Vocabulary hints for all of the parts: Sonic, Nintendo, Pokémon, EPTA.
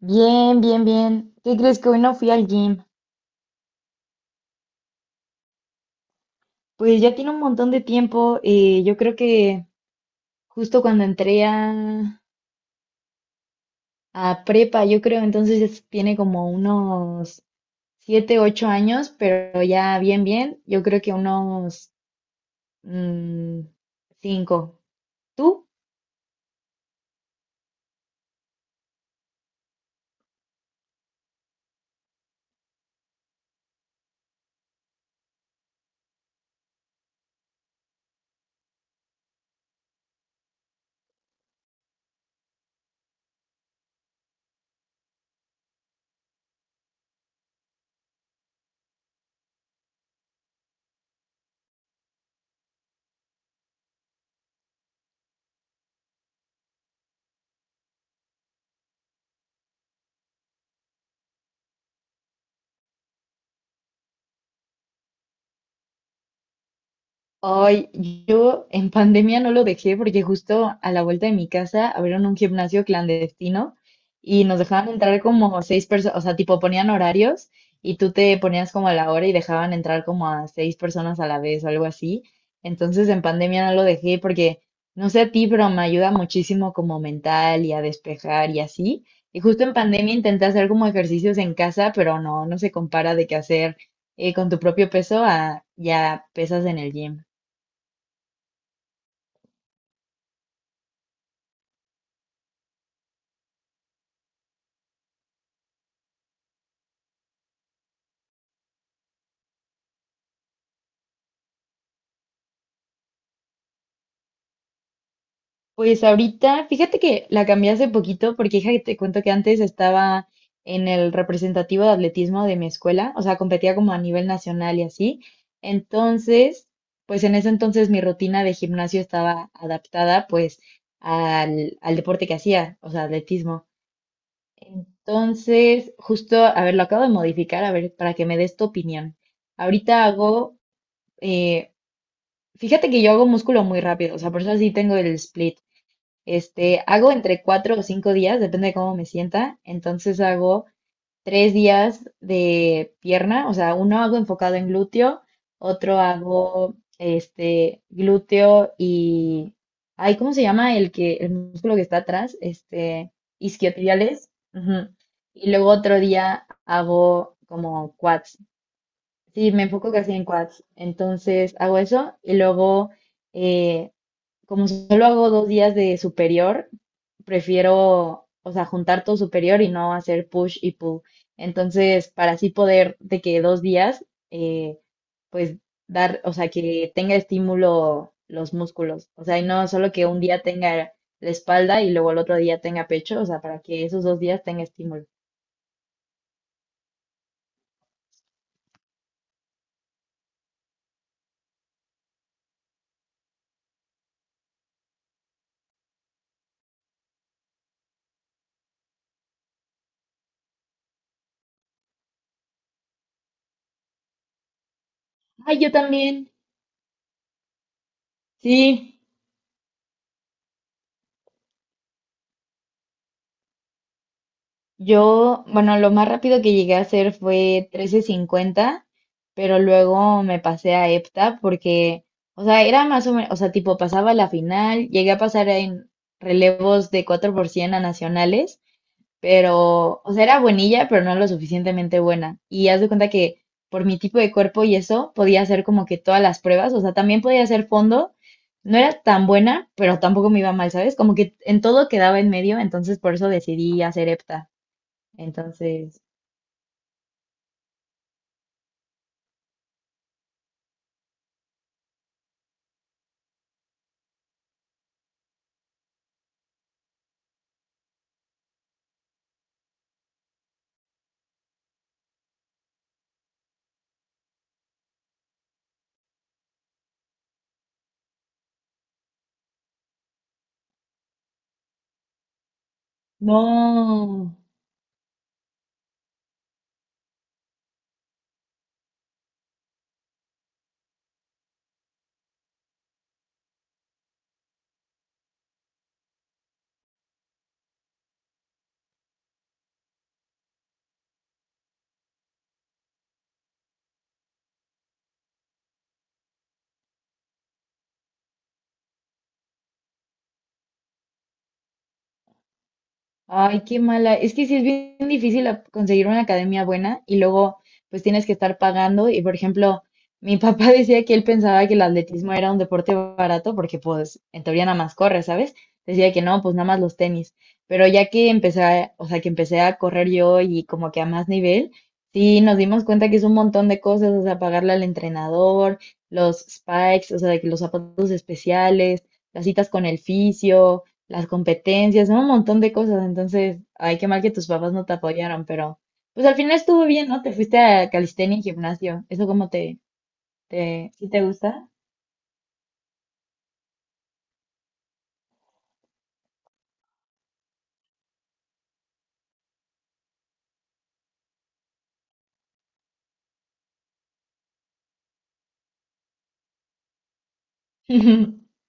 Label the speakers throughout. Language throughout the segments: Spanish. Speaker 1: Bien, bien, bien. ¿Qué crees que hoy no fui al gym? Pues ya tiene un montón de tiempo. Yo creo que justo cuando entré a prepa, yo creo tiene como unos 7, 8 años, pero ya bien, bien. Yo creo que unos mm, cinco. ¿Tú? Ay, yo en pandemia no lo dejé porque justo a la vuelta de mi casa abrieron un gimnasio clandestino y nos dejaban entrar como seis personas, o sea, tipo ponían horarios y tú te ponías como a la hora y dejaban entrar como a seis personas a la vez o algo así. Entonces en pandemia no lo dejé porque, no sé a ti, pero me ayuda muchísimo como mental y a despejar y así. Y justo en pandemia intenté hacer como ejercicios en casa, pero no, no se compara de qué hacer con tu propio peso a ya pesas en el gym. Pues ahorita, fíjate que la cambié hace poquito porque hija, te cuento que antes estaba en el representativo de atletismo de mi escuela, o sea, competía como a nivel nacional y así. Entonces, pues en ese entonces mi rutina de gimnasio estaba adaptada pues al deporte que hacía, o sea, atletismo. Entonces, justo, a ver, lo acabo de modificar, a ver, para que me des tu opinión. Ahorita eh, fíjate que yo hago músculo muy rápido, o sea, por eso sí tengo el split. Este, hago entre 4 o 5 días, depende de cómo me sienta. Entonces hago 3 días de pierna, o sea, uno hago enfocado en glúteo, otro hago este glúteo y, ay, ¿cómo se llama el que, el músculo que está atrás? Este, isquiotibiales. Ujú. Y luego otro día hago como quads. Sí, me enfoco casi en quads. Entonces hago eso y luego eh, como solo hago 2 días de superior, prefiero, o sea, juntar todo superior y no hacer push y pull. Entonces, para así poder de que dos días, eh, pues dar, o sea, que tenga estímulo los músculos. O sea, y no solo que un día tenga la espalda y luego el otro día tenga pecho, o sea, para que esos dos días tenga estímulo. Ay, yo también. Sí. Yo, bueno, lo más rápido que llegué a hacer fue trece cincuenta, pero luego me pasé a EPTA porque, o sea, era más o menos, o sea, tipo pasaba la final, llegué a pasar en relevos de 4x100 a nacionales, pero, o sea, era buenilla, pero no lo suficientemente buena. Y haz de cuenta que por mi tipo de cuerpo y eso, podía hacer como que todas las pruebas, o sea, también podía hacer fondo. No era tan buena, pero tampoco me iba mal, ¿sabes? Como que en todo quedaba en medio, entonces por eso decidí hacer EPTA. Entonces, no. Ay, qué mala. Es que sí es bien difícil conseguir una academia buena y luego pues tienes que estar pagando. Y por ejemplo, mi papá decía que él pensaba que el atletismo era un deporte barato porque pues en teoría nada más corre, ¿sabes? Decía que no, pues nada más los tenis. Pero ya que empecé a, o sea, que empecé a correr yo y como que a más nivel, sí nos dimos cuenta que es un montón de cosas, o sea, pagarle al entrenador, los spikes, o sea, de que los zapatos especiales, las citas con el fisio, las competencias, ¿no? Un montón de cosas. Entonces, ay, qué mal que tus papás no te apoyaron, pero pues al final estuvo bien, ¿no? Te fuiste a calistenia y gimnasio. ¿Eso cómo sí te gusta?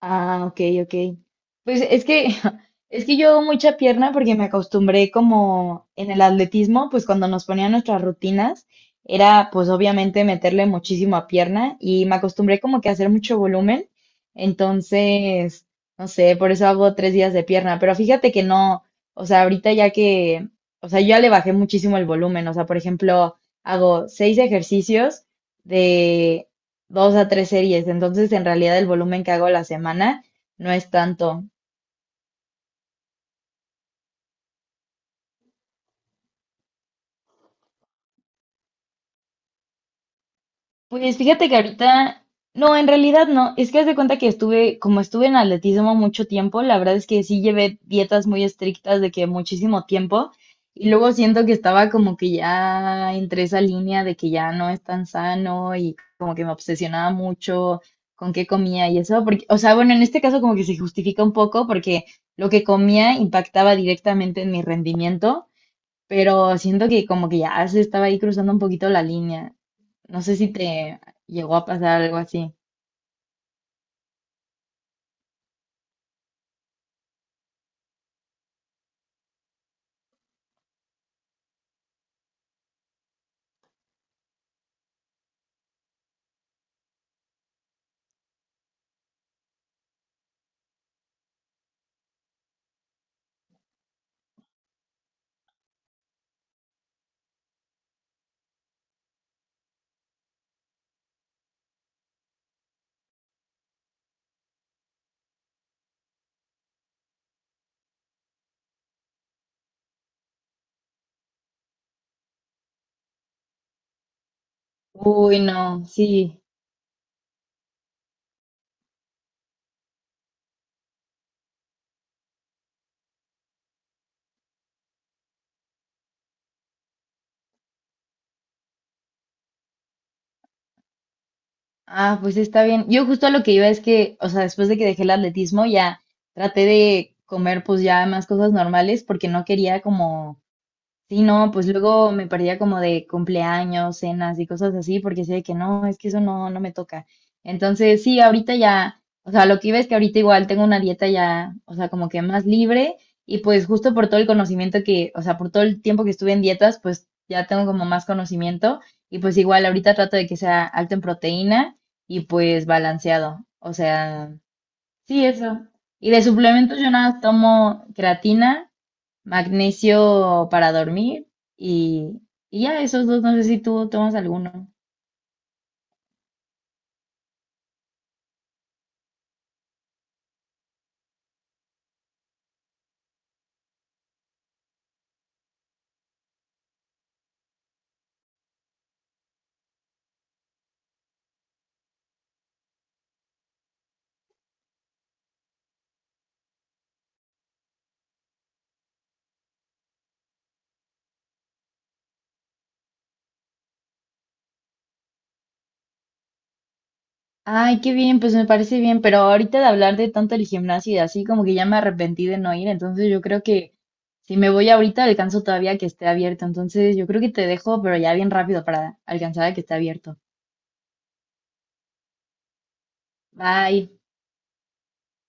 Speaker 1: Ah, ok, ok. Pues es que, es que yo hago mucha pierna porque me acostumbré como en el atletismo, pues cuando nos ponían nuestras rutinas, era pues obviamente meterle muchísimo a pierna y me acostumbré como que a hacer mucho volumen. Entonces, no sé, por eso hago 3 días de pierna. Pero fíjate que no, o sea, ahorita ya que, o sea, yo ya le bajé muchísimo el volumen. O sea, por ejemplo, hago seis ejercicios 2 a 3 series. Entonces, en realidad, el volumen que hago a la semana no es tanto. Pues fíjate que ahorita, no, en realidad no. Es que haz de cuenta que como estuve en atletismo mucho tiempo, la verdad es que sí llevé dietas muy estrictas de que muchísimo tiempo. Y luego siento que estaba como que ya entre esa línea de que ya no es tan sano y como que me obsesionaba mucho con qué comía y eso. Porque, o sea, bueno, en este caso como que se justifica un poco porque lo que comía impactaba directamente en mi rendimiento, pero siento que como que ya se estaba ahí cruzando un poquito la línea. No sé si te llegó a pasar algo así. Uy, no, sí. Ah, pues está bien. Yo justo a lo que iba es que, o sea, después de que dejé el atletismo, ya traté de comer pues ya más cosas normales porque no quería como, sí, no, pues luego me perdía como de cumpleaños, cenas y cosas así, porque sé que no, es que eso no, no me toca. Entonces, sí, ahorita ya, o sea, lo que iba es que ahorita igual tengo una dieta ya, o sea, como que más libre y pues justo por todo el conocimiento que, o sea, por todo el tiempo que estuve en dietas, pues ya tengo como más conocimiento y pues igual ahorita trato de que sea alto en proteína y pues balanceado. O sea, sí, eso. Y de suplementos yo nada más tomo creatina, magnesio para dormir y, y ya esos dos, no sé si tú tomas alguno. Ay, qué bien, pues me parece bien, pero ahorita de hablar de tanto el gimnasio y así como que ya me arrepentí de no ir, entonces yo creo que si me voy ahorita alcanzo todavía que esté abierto, entonces yo creo que te dejo, pero ya bien rápido para alcanzar a que esté abierto. Bye.